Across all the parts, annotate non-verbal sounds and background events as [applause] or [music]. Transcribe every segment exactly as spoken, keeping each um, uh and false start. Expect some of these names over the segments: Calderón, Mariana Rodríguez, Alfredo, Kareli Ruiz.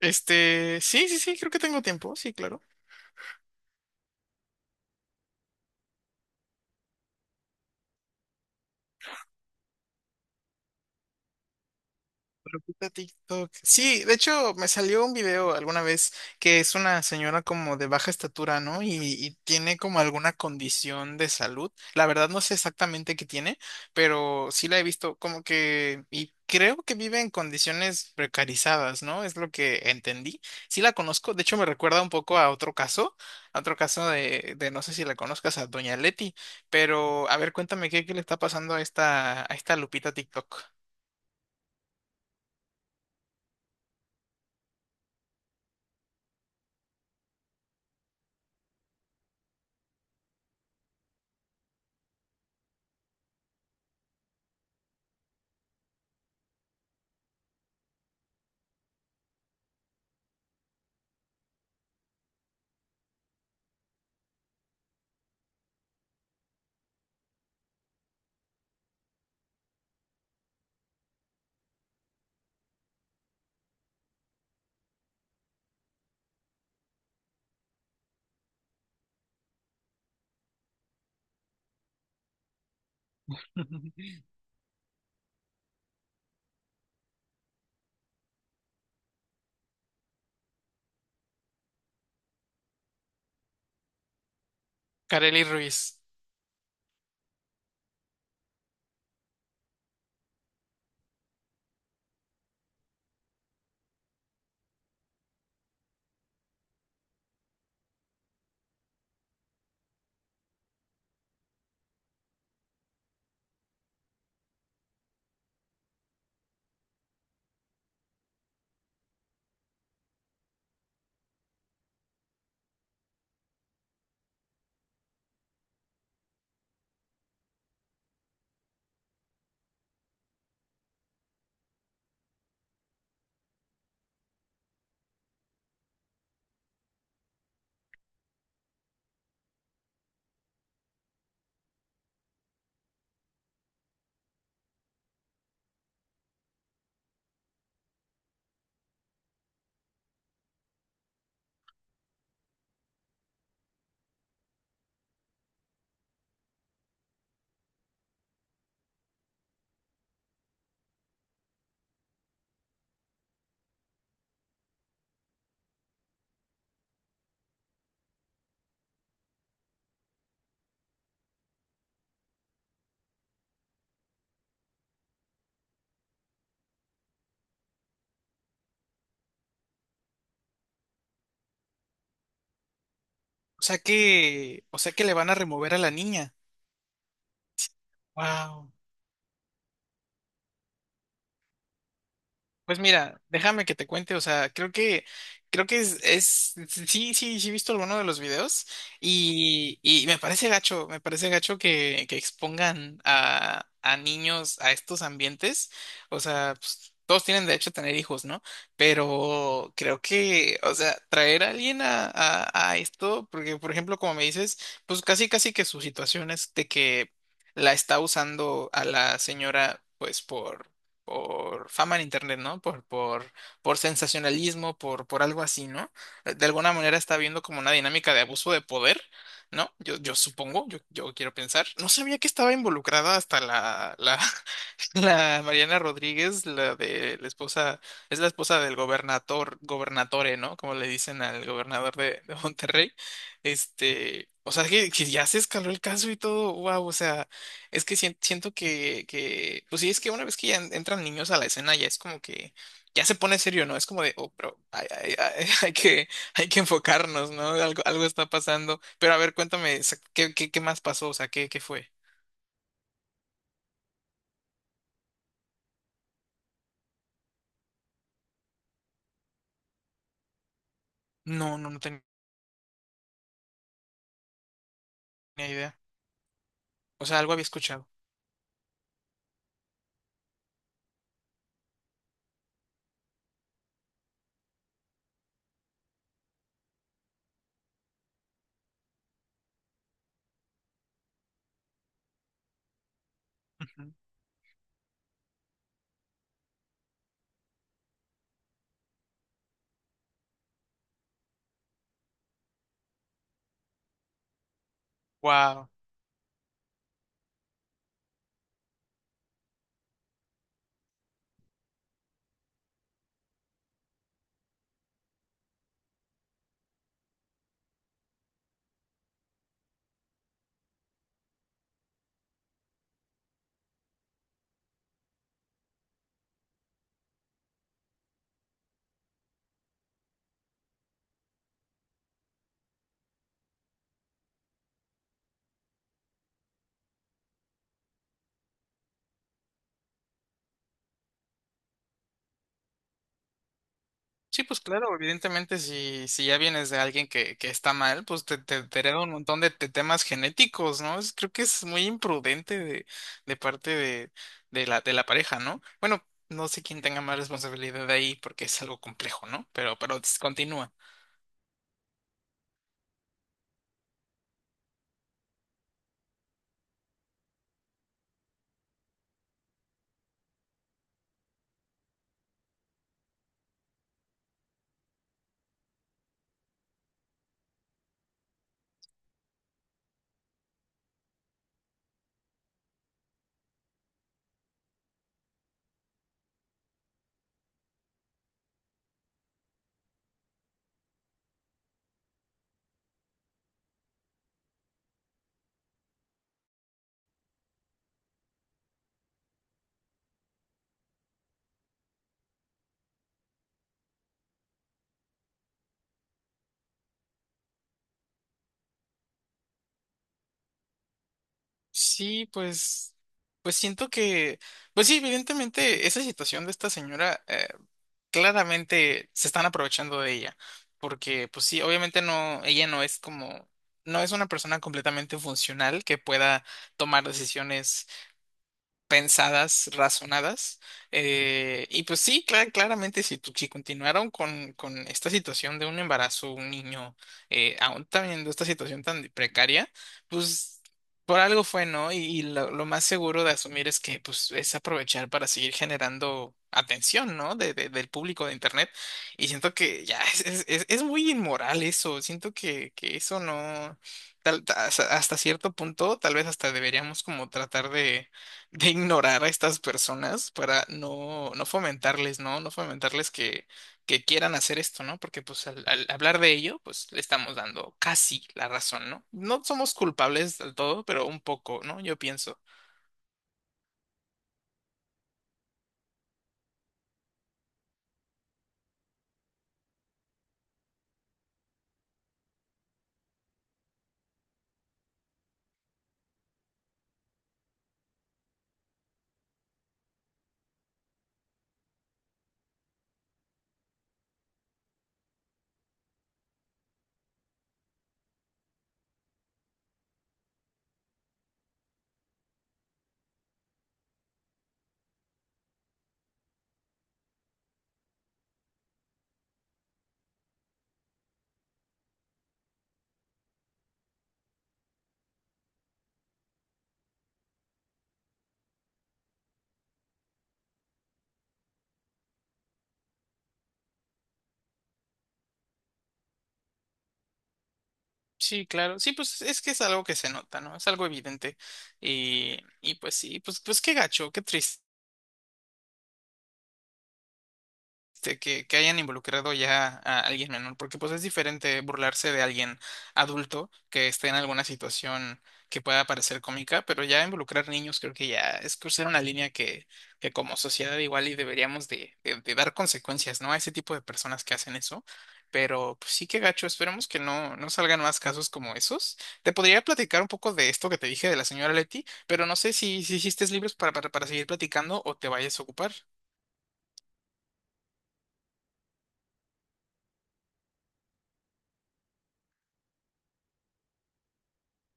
Este, sí, sí, sí, creo que tengo tiempo, sí, claro. Lo quita TikTok. Sí, de hecho, me salió un video alguna vez que es una señora como de baja estatura, ¿no? Y, y tiene como alguna condición de salud. La verdad no sé exactamente qué tiene, pero sí la he visto como que, y creo que vive en condiciones precarizadas, ¿no? Es lo que entendí. Sí la conozco, de hecho me recuerda un poco a otro caso, a otro caso de, de no sé si la conozcas, a Doña Leti, pero a ver, cuéntame qué, qué le está pasando a esta, a esta Lupita TikTok. [laughs] Kareli Ruiz. O sea que, o sea que le van a remover a la niña. Wow. Pues mira, déjame que te cuente, o sea, creo que, creo que es, es- sí, sí, sí he visto alguno de los videos y, y me parece gacho, me parece gacho que, que expongan a, a niños a estos ambientes, o sea, pues, todos tienen derecho a tener hijos, ¿no? Pero creo que, o sea, traer a alguien a, a, a esto, porque por ejemplo, como me dices, pues casi, casi que su situación es de que la está usando a la señora, pues por por fama en internet, ¿no? Por, por, por sensacionalismo, por, por algo así, ¿no? Eh, De alguna manera está habiendo como una dinámica de abuso de poder, ¿no? Yo, yo supongo, yo, yo quiero pensar. No sabía que estaba involucrada hasta la, la [laughs] La Mariana Rodríguez, la de la esposa, es la esposa del gobernador, gobernatore, ¿no? Como le dicen al gobernador de, de Monterrey. Este, o sea, que, que ya se escaló el caso y todo, wow, o sea, es que sien- siento que, que, pues sí, es que una vez que ya en- entran niños a la escena, ya es como que, ya se pone serio, ¿no? Es como de, oh, pero hay, hay- hay- [laughs] hay que, hay que enfocarnos, ¿no? Algo, algo está pasando. Pero a ver, cuéntame, o sea, ¿qué, qué, qué más pasó? O sea, ¿qué, qué fue? No, no, no tenía idea. O sea, algo había escuchado. Wow. Sí, pues claro, evidentemente si, si ya vienes de alguien que, que está mal, pues te, te, te hereda un montón de, te- temas genéticos, ¿no? Es- creo que es muy imprudente de, de parte de, de la, de la pareja, ¿no? Bueno, no sé quién tenga más responsabilidad ahí porque es algo complejo, ¿no? Pero, pero continúa. Sí, pues, pues siento que, pues sí, evidentemente esa situación de esta señora claramente se están aprovechando de ella, porque pues sí, obviamente no, ella no es como, no es una persona completamente funcional que pueda tomar decisiones pensadas, razonadas. Eh, y pues sí, cla- claramente si, tu- si continuaron con, con esta situación de un embarazo, un niño, eh, aún teniendo esta situación tan precaria, pues por algo fue, ¿no? Y, y lo, lo más seguro de asumir es que pues es aprovechar para seguir generando atención, ¿no? De, de- del público de Internet. Y siento que ya es, es, es- es muy inmoral eso, siento que, que eso no. Tal- ta- hasta hasta cierto punto, tal vez hasta deberíamos como tratar de de ignorar a estas personas para no, no fomentarles, ¿no? No fomentarles que, que quieran hacer esto, ¿no? Porque pues al, al hablar de ello, pues le estamos dando casi la razón, ¿no? No somos culpables del todo, pero un poco, ¿no? Yo pienso. Sí, claro. Sí, pues es que es algo que se nota, ¿no? Es algo evidente. Y, y pues sí, pues, pues qué gacho, qué triste. Este, que, que hayan involucrado ya a alguien menor, porque pues es diferente burlarse de alguien adulto que esté en alguna situación que pueda parecer cómica, pero ya involucrar niños creo que ya es cruzar una línea que, que como sociedad igual y deberíamos de, de- de dar consecuencias, ¿no? A ese tipo de personas que hacen eso. Pero pues sí que gacho, esperemos que no, no salgan más casos como esos. Te podría platicar un poco de esto que te dije de la señora Leti, pero no sé si, si hiciste libros para, para, para seguir platicando o te vayas a ocupar.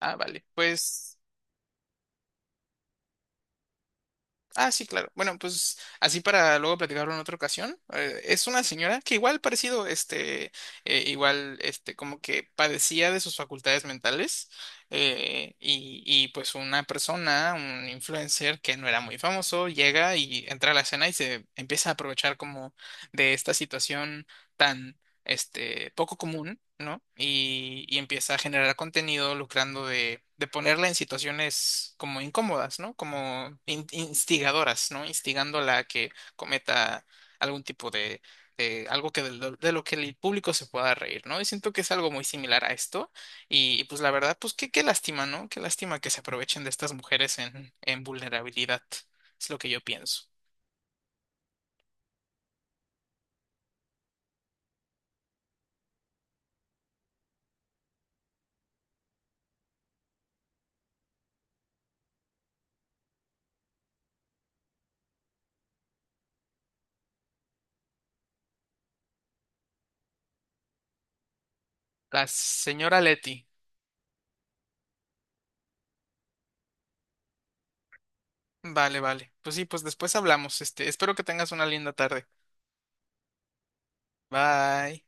Ah, vale. Pues Ah, sí, claro. Bueno, pues así para luego platicarlo en otra ocasión. Eh, es una señora que igual parecido, este, eh, igual, este, como que padecía de sus facultades mentales eh, y, y pues una persona, un influencer que no era muy famoso, llega y entra a la escena y se empieza a aprovechar como de esta situación. Tan este, poco común, ¿no? Y, y empieza a generar contenido lucrando de, de ponerla en situaciones como incómodas, ¿no? Como in- instigadoras, ¿no? Instigándola a que cometa algún tipo de, de algo que de, lo de lo que el público se pueda reír, ¿no? Y siento que es algo muy similar a esto. Y, y pues la verdad, pues qué, qué lástima, ¿no? Qué lástima que se aprovechen de estas mujeres en, en vulnerabilidad. Es lo que yo pienso. La señora Leti. Vale, vale. Pues sí, pues después hablamos. Este, espero que tengas una linda tarde. Bye.